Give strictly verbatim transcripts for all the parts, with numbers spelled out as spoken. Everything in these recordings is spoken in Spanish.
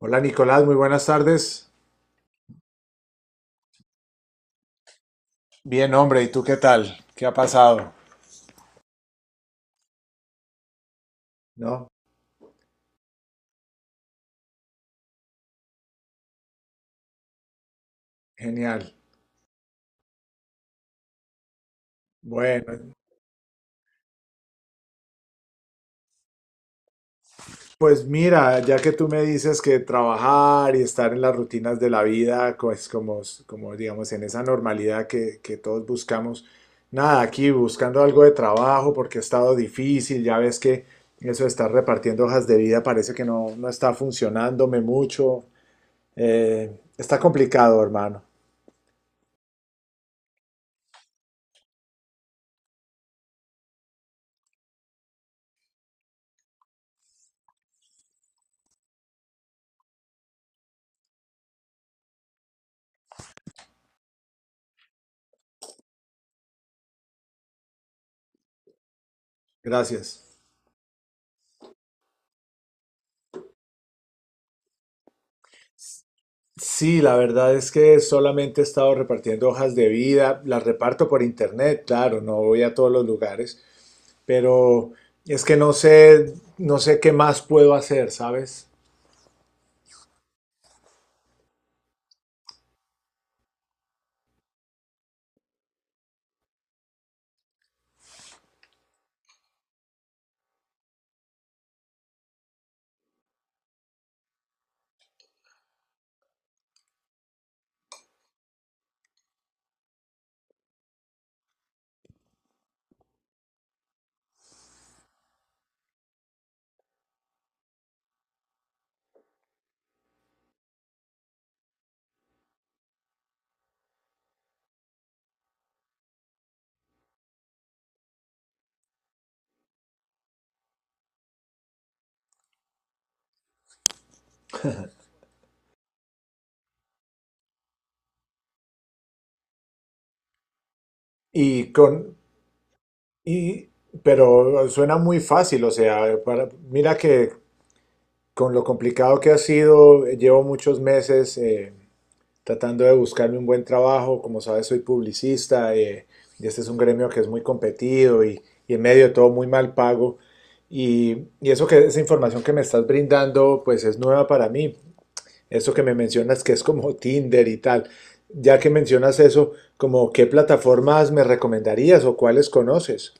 Hola Nicolás, muy buenas tardes. Bien, hombre, ¿y tú qué tal? ¿Qué ha pasado? ¿No? Genial. Bueno, pues mira, ya que tú me dices que trabajar y estar en las rutinas de la vida, pues como, como digamos en esa normalidad que, que todos buscamos, nada, aquí buscando algo de trabajo porque ha estado difícil, ya ves que eso de estar repartiendo hojas de vida parece que no, no está funcionándome mucho. Eh, está complicado, hermano. Gracias. Sí, la verdad es que solamente he estado repartiendo hojas de vida, las reparto por internet, claro, no voy a todos los lugares, pero es que no sé, no sé qué más puedo hacer, ¿sabes? Y con, y, pero suena muy fácil, o sea, para mira que con lo complicado que ha sido, llevo muchos meses, eh, tratando de buscarme un buen trabajo. Como sabes, soy publicista eh, y este es un gremio que es muy competido y, y en medio de todo muy mal pago. Y, y eso que esa información que me estás brindando, pues es nueva para mí. Eso que me mencionas que es como Tinder y tal. Ya que mencionas eso, como qué plataformas me recomendarías o cuáles conoces.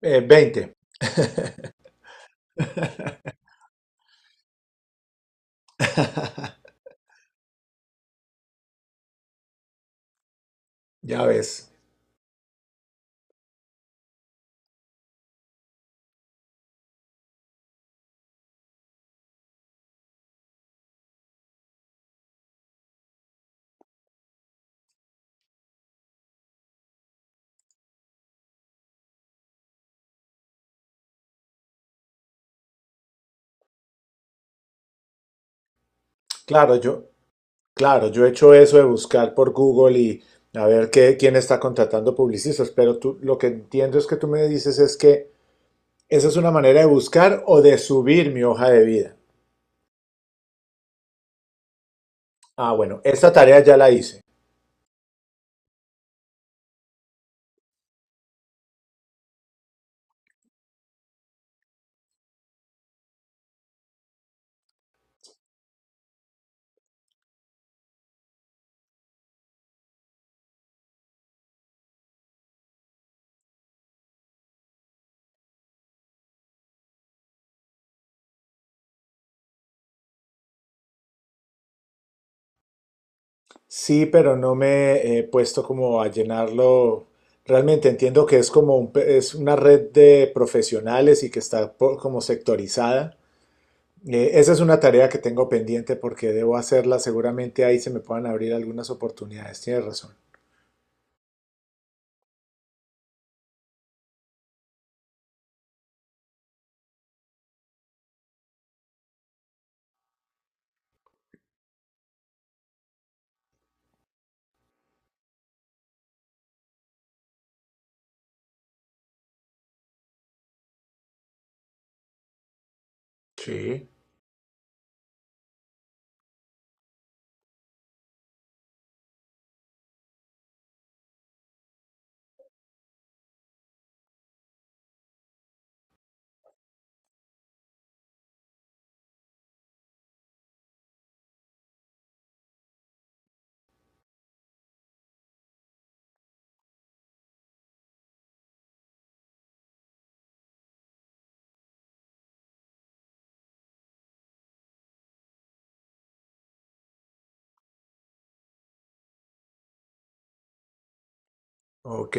Eh, veinte, ya ves. Claro, yo, Claro, yo he hecho eso de buscar por Google y a ver qué, quién está contratando publicistas, pero tú, lo que entiendo es que tú me dices es que esa es una manera de buscar o de subir mi hoja de vida. Ah, bueno, esta tarea ya la hice. Sí, pero no me he puesto como a llenarlo. Realmente entiendo que es como un pe- es una red de profesionales y que está po- como sectorizada. Eh, esa es una tarea que tengo pendiente porque debo hacerla. Seguramente ahí se me puedan abrir algunas oportunidades. Tienes razón. Sí. Ok,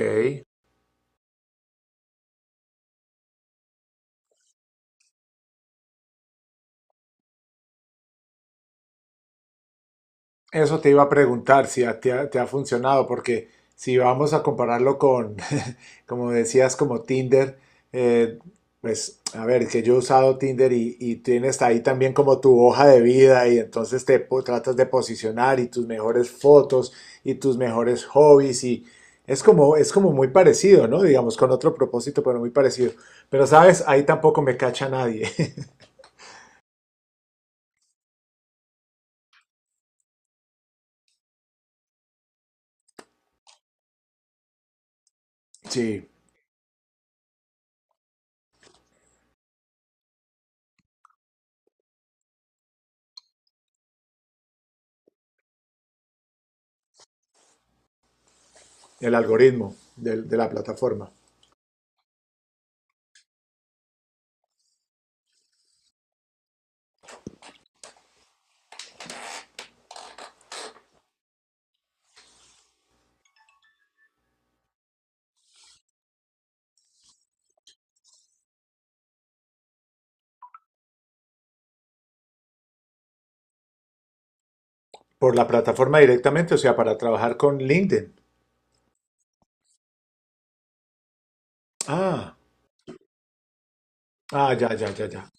eso te iba a preguntar si a- te ha, te ha funcionado, porque si vamos a compararlo con, como decías, como Tinder, eh, pues a ver, que yo he usado Tinder y, y tienes ahí también como tu hoja de vida y entonces te po- tratas de posicionar y tus mejores fotos y tus mejores hobbies y es como, es como muy parecido, ¿no? Digamos, con otro propósito, pero muy parecido. Pero sabes, ahí tampoco me cacha nadie. Sí, el algoritmo del- de la plataforma. Por la plataforma directamente, o sea, para trabajar con LinkedIn. Ah, ah, ya, ya, ya, ya.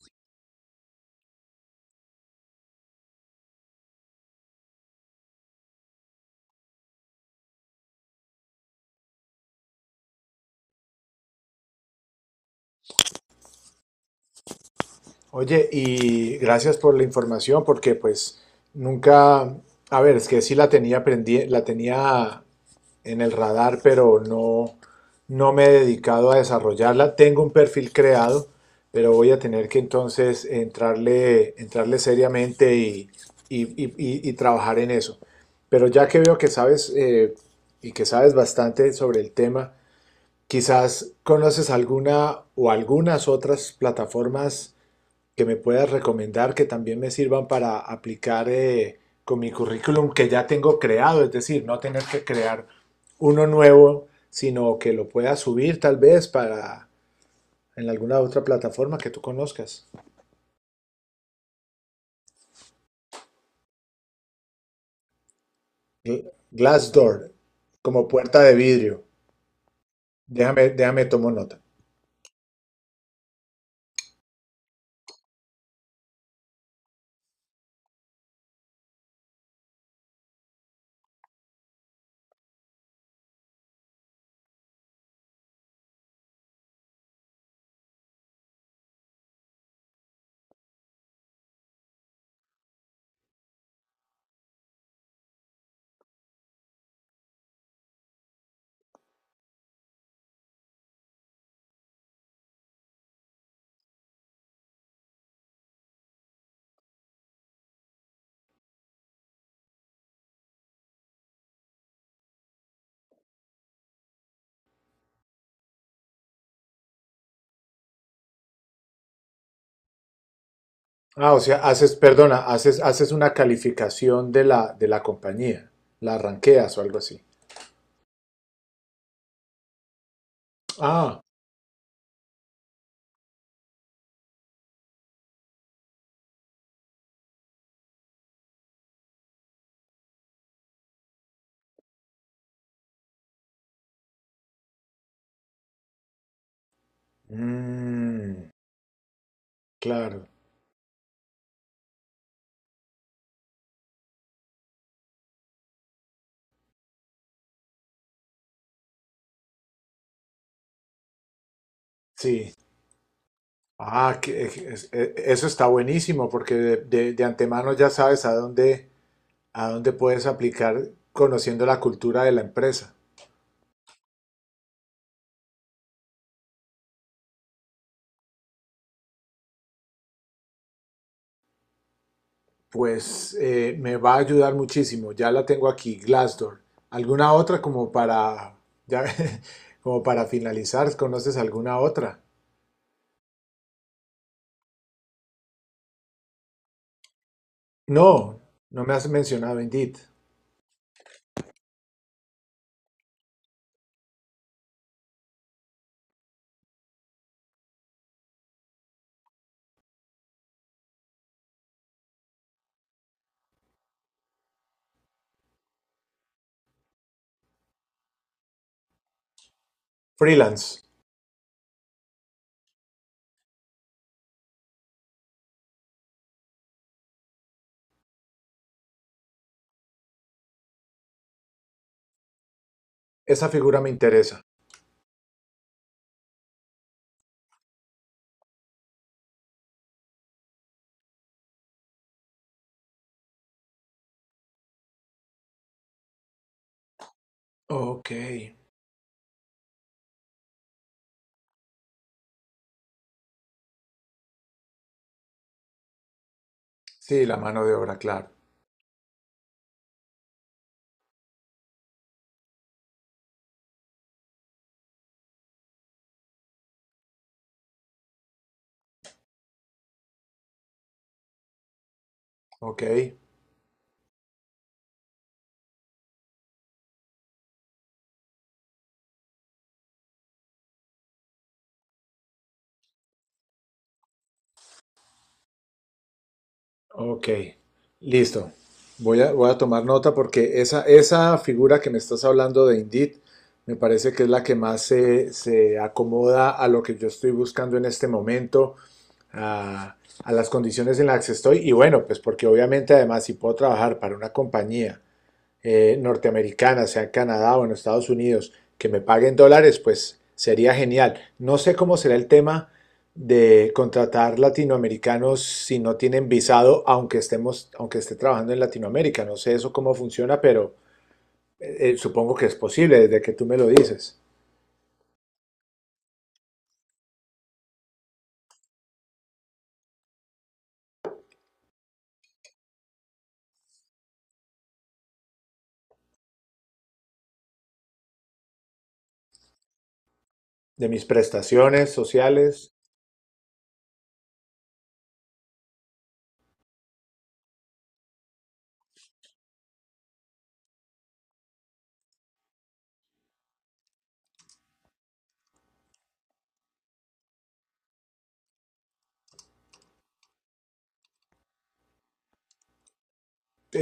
Oye, y gracias por la información, porque pues nunca, a ver, es que sí la tenía prendi- la tenía en el radar, pero no, no me he dedicado a desarrollarla. Tengo un perfil creado, pero voy a tener que entonces entrarle, entrarle seriamente y, y- y- y- y trabajar en eso. Pero ya que veo que sabes eh, y que sabes bastante sobre el tema, quizás conoces alguna o algunas otras plataformas que me puedas recomendar que también me sirvan para aplicar eh, con mi currículum que ya tengo creado, es decir, no tener que crear uno nuevo, sino que lo pueda subir tal vez para en alguna otra plataforma que tú conozcas. Gl- Glassdoor, como puerta de vidrio. Déjame, déjame tomo nota. Ah, o sea, haces, perdona, haces, haces una calificación de la, de la compañía, la ranqueas o algo así. Ah, mm, claro, sí. Ah, que, es- es- e- e, Eso está buenísimo porque de, de- de antemano ya sabes a dónde, a dónde puedes aplicar conociendo la cultura de la empresa. Pues eh, me va a ayudar muchísimo. Ya la tengo aquí, Glassdoor. ¿Alguna otra como para, ya, como para finalizar? ¿Conoces alguna otra? No, no me has mencionado Indeed. Freelance. Esa figura me interesa. Ok. Sí, la mano de obra, claro. Ok, ok, listo. Voy a, voy a tomar nota porque esa, esa figura que me estás hablando de Indeed me parece que es la que más se, se acomoda a lo que yo estoy buscando en este momento, a, a las condiciones en las que estoy. Y bueno, pues porque obviamente además si puedo trabajar para una compañía eh, norteamericana, sea en Canadá o en Estados Unidos, que me paguen dólares, pues sería genial. No sé cómo será el tema de contratar latinoamericanos si no tienen visado, aunque estemos, aunque esté trabajando en Latinoamérica. No sé eso cómo funciona, pero eh, eh, supongo que es posible desde que tú me lo dices. De mis prestaciones sociales,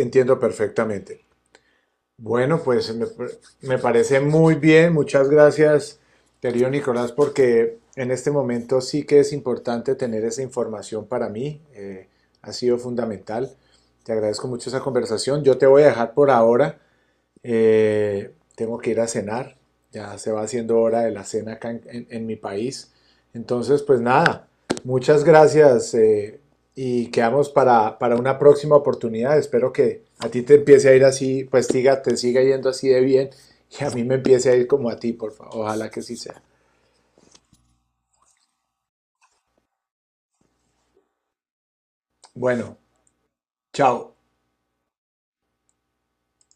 entiendo perfectamente. Bueno, pues me, me parece muy bien. Muchas gracias, querido Nicolás, porque en este momento sí que es importante tener esa información para mí. Eh, ha sido fundamental. Te agradezco mucho esa conversación. Yo te voy a dejar por ahora. Eh, tengo que ir a cenar, ya se va haciendo hora de la cena acá en, en- en mi país. Entonces, pues nada, muchas gracias eh, y quedamos para, para una próxima oportunidad. Espero que a ti te empiece a ir así, pues tiga te siga yendo así de bien y a mí me empiece a ir como a ti, por favor. Ojalá que sí sea. Bueno, chao.